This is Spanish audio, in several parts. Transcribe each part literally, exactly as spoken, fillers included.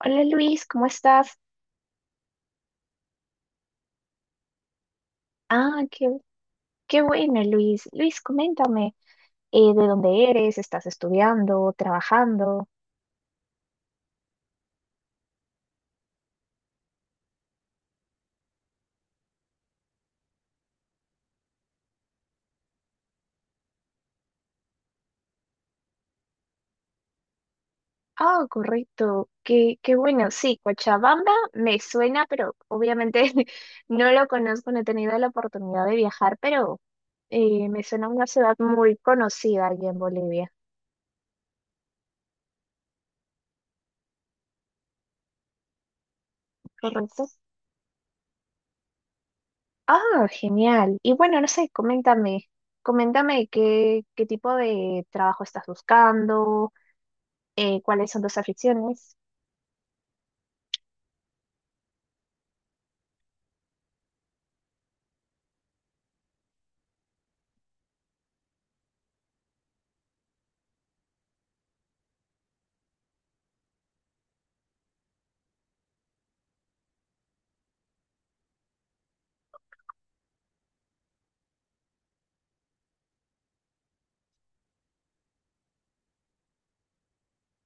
Hola Luis, ¿cómo estás? Ah, qué, qué bueno Luis. Luis, coméntame, eh, ¿de dónde eres? ¿Estás estudiando? ¿Trabajando? Ah, correcto, qué, qué bueno. Sí, Cochabamba me suena, pero obviamente no lo conozco, no he tenido la oportunidad de viajar, pero eh, me suena una ciudad muy conocida allí en Bolivia, ¿correcto? Ah, genial. Y bueno, no sé, coméntame, coméntame qué, qué tipo de trabajo estás buscando, eh, cuáles son tus aficiones.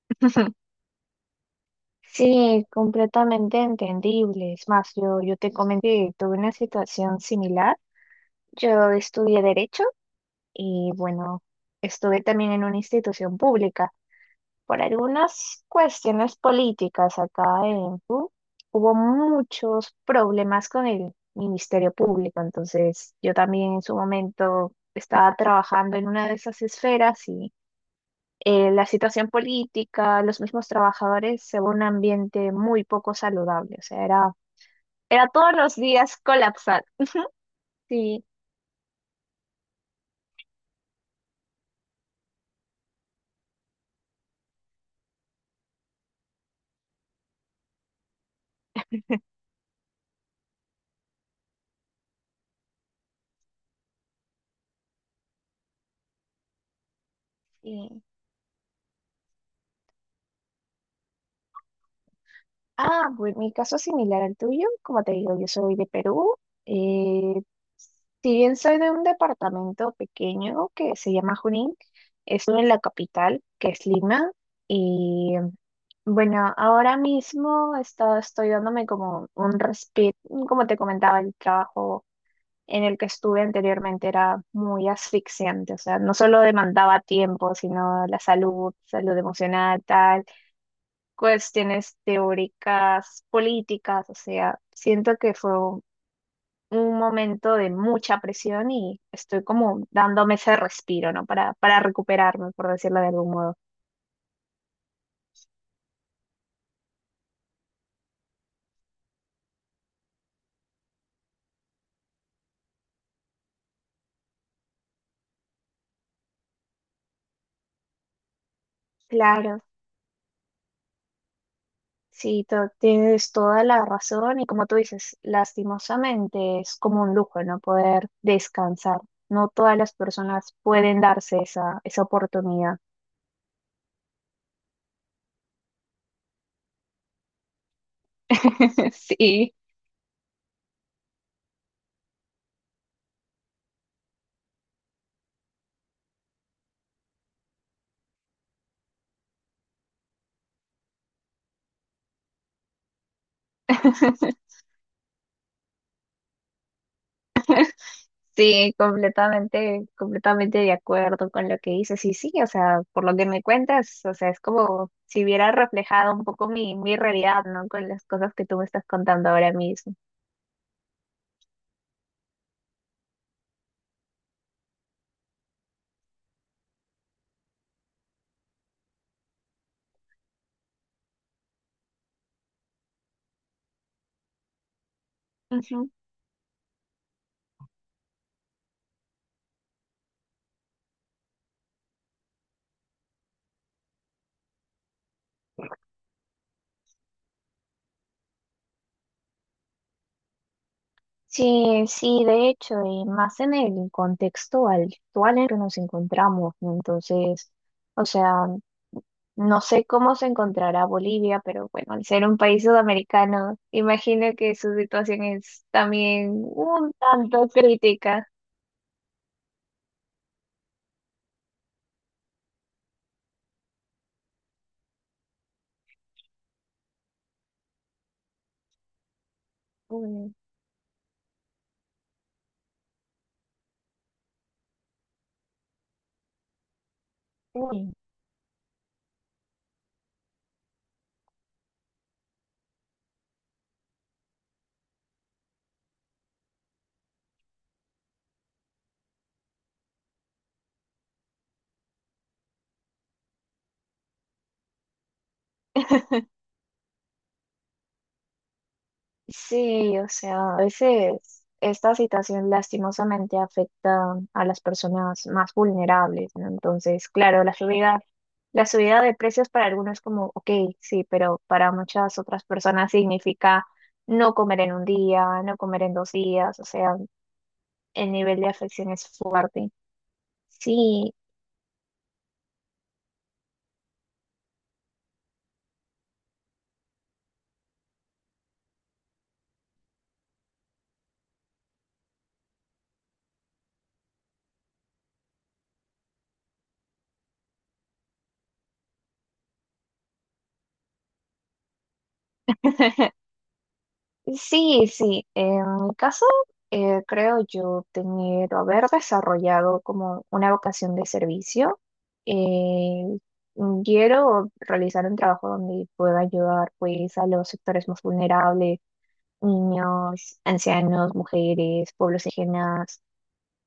Sí, completamente entendible. Es más, yo, yo te comenté que tuve una situación similar. Yo estudié Derecho y bueno, estuve también en una institución pública. Por algunas cuestiones políticas acá en Perú, hubo muchos problemas con el Ministerio Público. Entonces, yo también en su momento estaba trabajando en una de esas esferas y eh, la situación política, los mismos trabajadores, se ve un ambiente muy poco saludable. O sea, era, era todos los días colapsar. Sí, sí. Ah, bueno, mi caso es similar al tuyo. Como te digo, yo soy de Perú. eh, si bien soy de un departamento pequeño que se llama Junín, estuve en la capital, que es Lima, y bueno, ahora mismo he estado- estoy dándome como un respiro, como te comentaba, el trabajo en el que estuve anteriormente era muy asfixiante, o sea, no solo demandaba tiempo, sino la salud, salud emocional, tal, cuestiones teóricas, políticas, o sea, siento que fue un un momento de mucha presión y estoy como dándome ese respiro, ¿no? Para, para recuperarme, por decirlo de algún modo. Claro. Sí, to- tienes toda la razón y como tú dices, lastimosamente es como un lujo no poder descansar. No todas las personas pueden darse esa, esa oportunidad. Sí, sí, completamente, completamente de acuerdo con lo que dices. Y sí, o sea, por lo que me cuentas, o sea, es como si hubiera reflejado un poco mi, mi realidad, ¿no? Con las cosas que tú me estás contando ahora mismo. Ujú. Sí, sí, de hecho, y más en el contexto actual en el que nos encontramos, ¿no? Entonces, o sea, no sé cómo se encontrará Bolivia, pero bueno, al ser un país sudamericano, imagino que su situación es también un tanto crítica. Uy, uy. Sí, o sea, a veces esta situación lastimosamente afecta a las personas más vulnerables, ¿no? Entonces, claro, la subida, la subida de precios para algunos como, ok, sí, pero para muchas otras personas significa no comer en un día, no comer en dos días, o sea, el nivel de afección es fuerte. Sí. Sí, sí. En mi caso, eh, creo yo tener o haber desarrollado como una vocación de servicio. Eh, Quiero realizar un trabajo donde pueda ayudar pues a los sectores más vulnerables, niños, ancianos, mujeres, pueblos indígenas.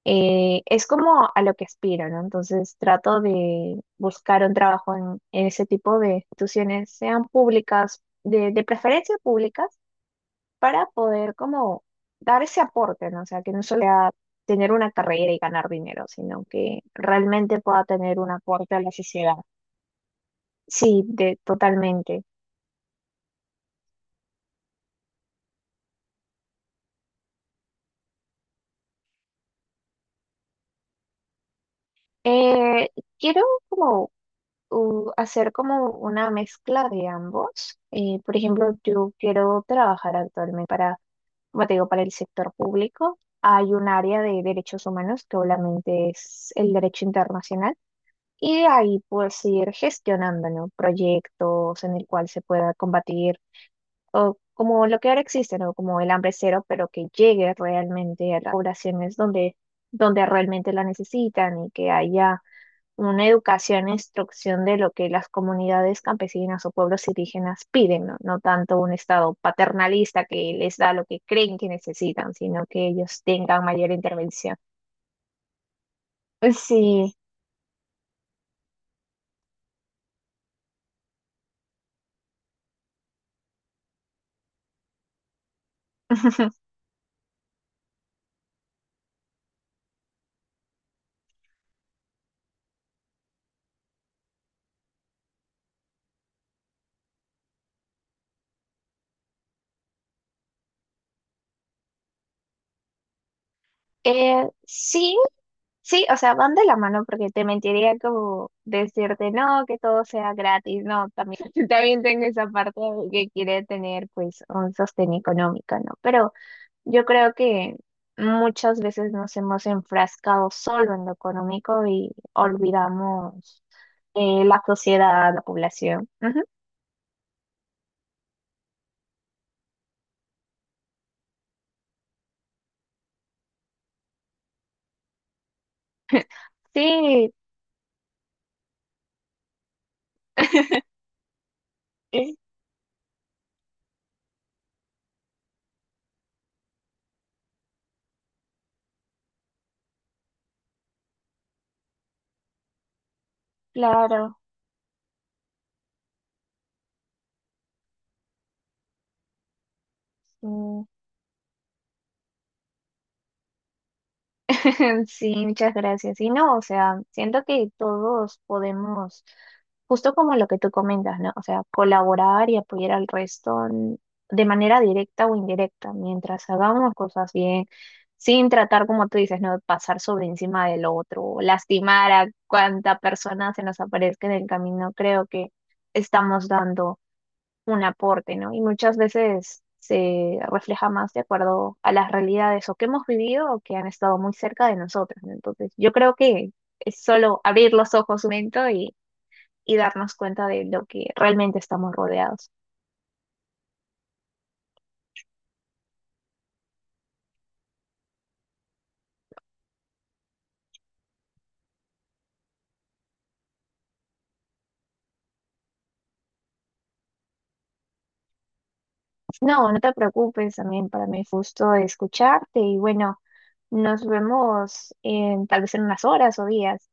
Eh, es como a lo que aspiro, ¿no? Entonces trato de buscar un trabajo en, en ese tipo de instituciones, sean públicas, de de preferencia públicas para poder como dar ese aporte, ¿no? O sea, que no solo sea tener una carrera y ganar dinero, sino que realmente pueda tener un aporte a la sociedad. Sí, de, totalmente. Eh, Quiero como uh, hacer como una mezcla de ambos. Eh, por ejemplo, yo quiero trabajar actualmente para, como te digo, para el sector público. Hay un área de derechos humanos que obviamente es el derecho internacional. Y de ahí pues ir gestionando, ¿no? Proyectos en el cual se pueda combatir, o como lo que ahora existe, ¿no? Como el hambre cero, pero que llegue realmente a las poblaciones donde, donde realmente la necesitan y que haya una educación e instrucción de lo que las comunidades campesinas o pueblos indígenas piden, ¿no? No tanto un estado paternalista que les da lo que creen que necesitan, sino que ellos tengan mayor intervención. Pues sí. Eh, sí, Sí, o sea, van de la mano porque te mentiría como decirte no, que todo sea gratis, no, también, también tengo esa parte de que quiere tener pues un sostén económico, ¿no? Pero yo creo que muchas veces nos hemos enfrascado solo en lo económico y olvidamos eh, la sociedad, la población. Ujú. Sí, claro. Sí. Sí, muchas gracias. Y no, o sea, siento que todos podemos, justo como lo que tú comentas, ¿no? O sea, colaborar y apoyar al resto n- de manera directa o indirecta, mientras hagamos cosas bien, sin tratar, como tú dices, ¿no? De pasar sobre encima del otro, o lastimar a cuanta persona se nos aparezca en el camino. Creo que estamos dando un aporte, ¿no? Y muchas veces se refleja más de acuerdo a las realidades o que hemos vivido o que han estado muy cerca de nosotros, ¿no? Entonces, yo creo que es solo abrir los ojos un momento y, y darnos cuenta de lo que realmente estamos rodeados. No, no te preocupes, también para mí fue justo escucharte y bueno, nos vemos en, tal vez en unas horas o días.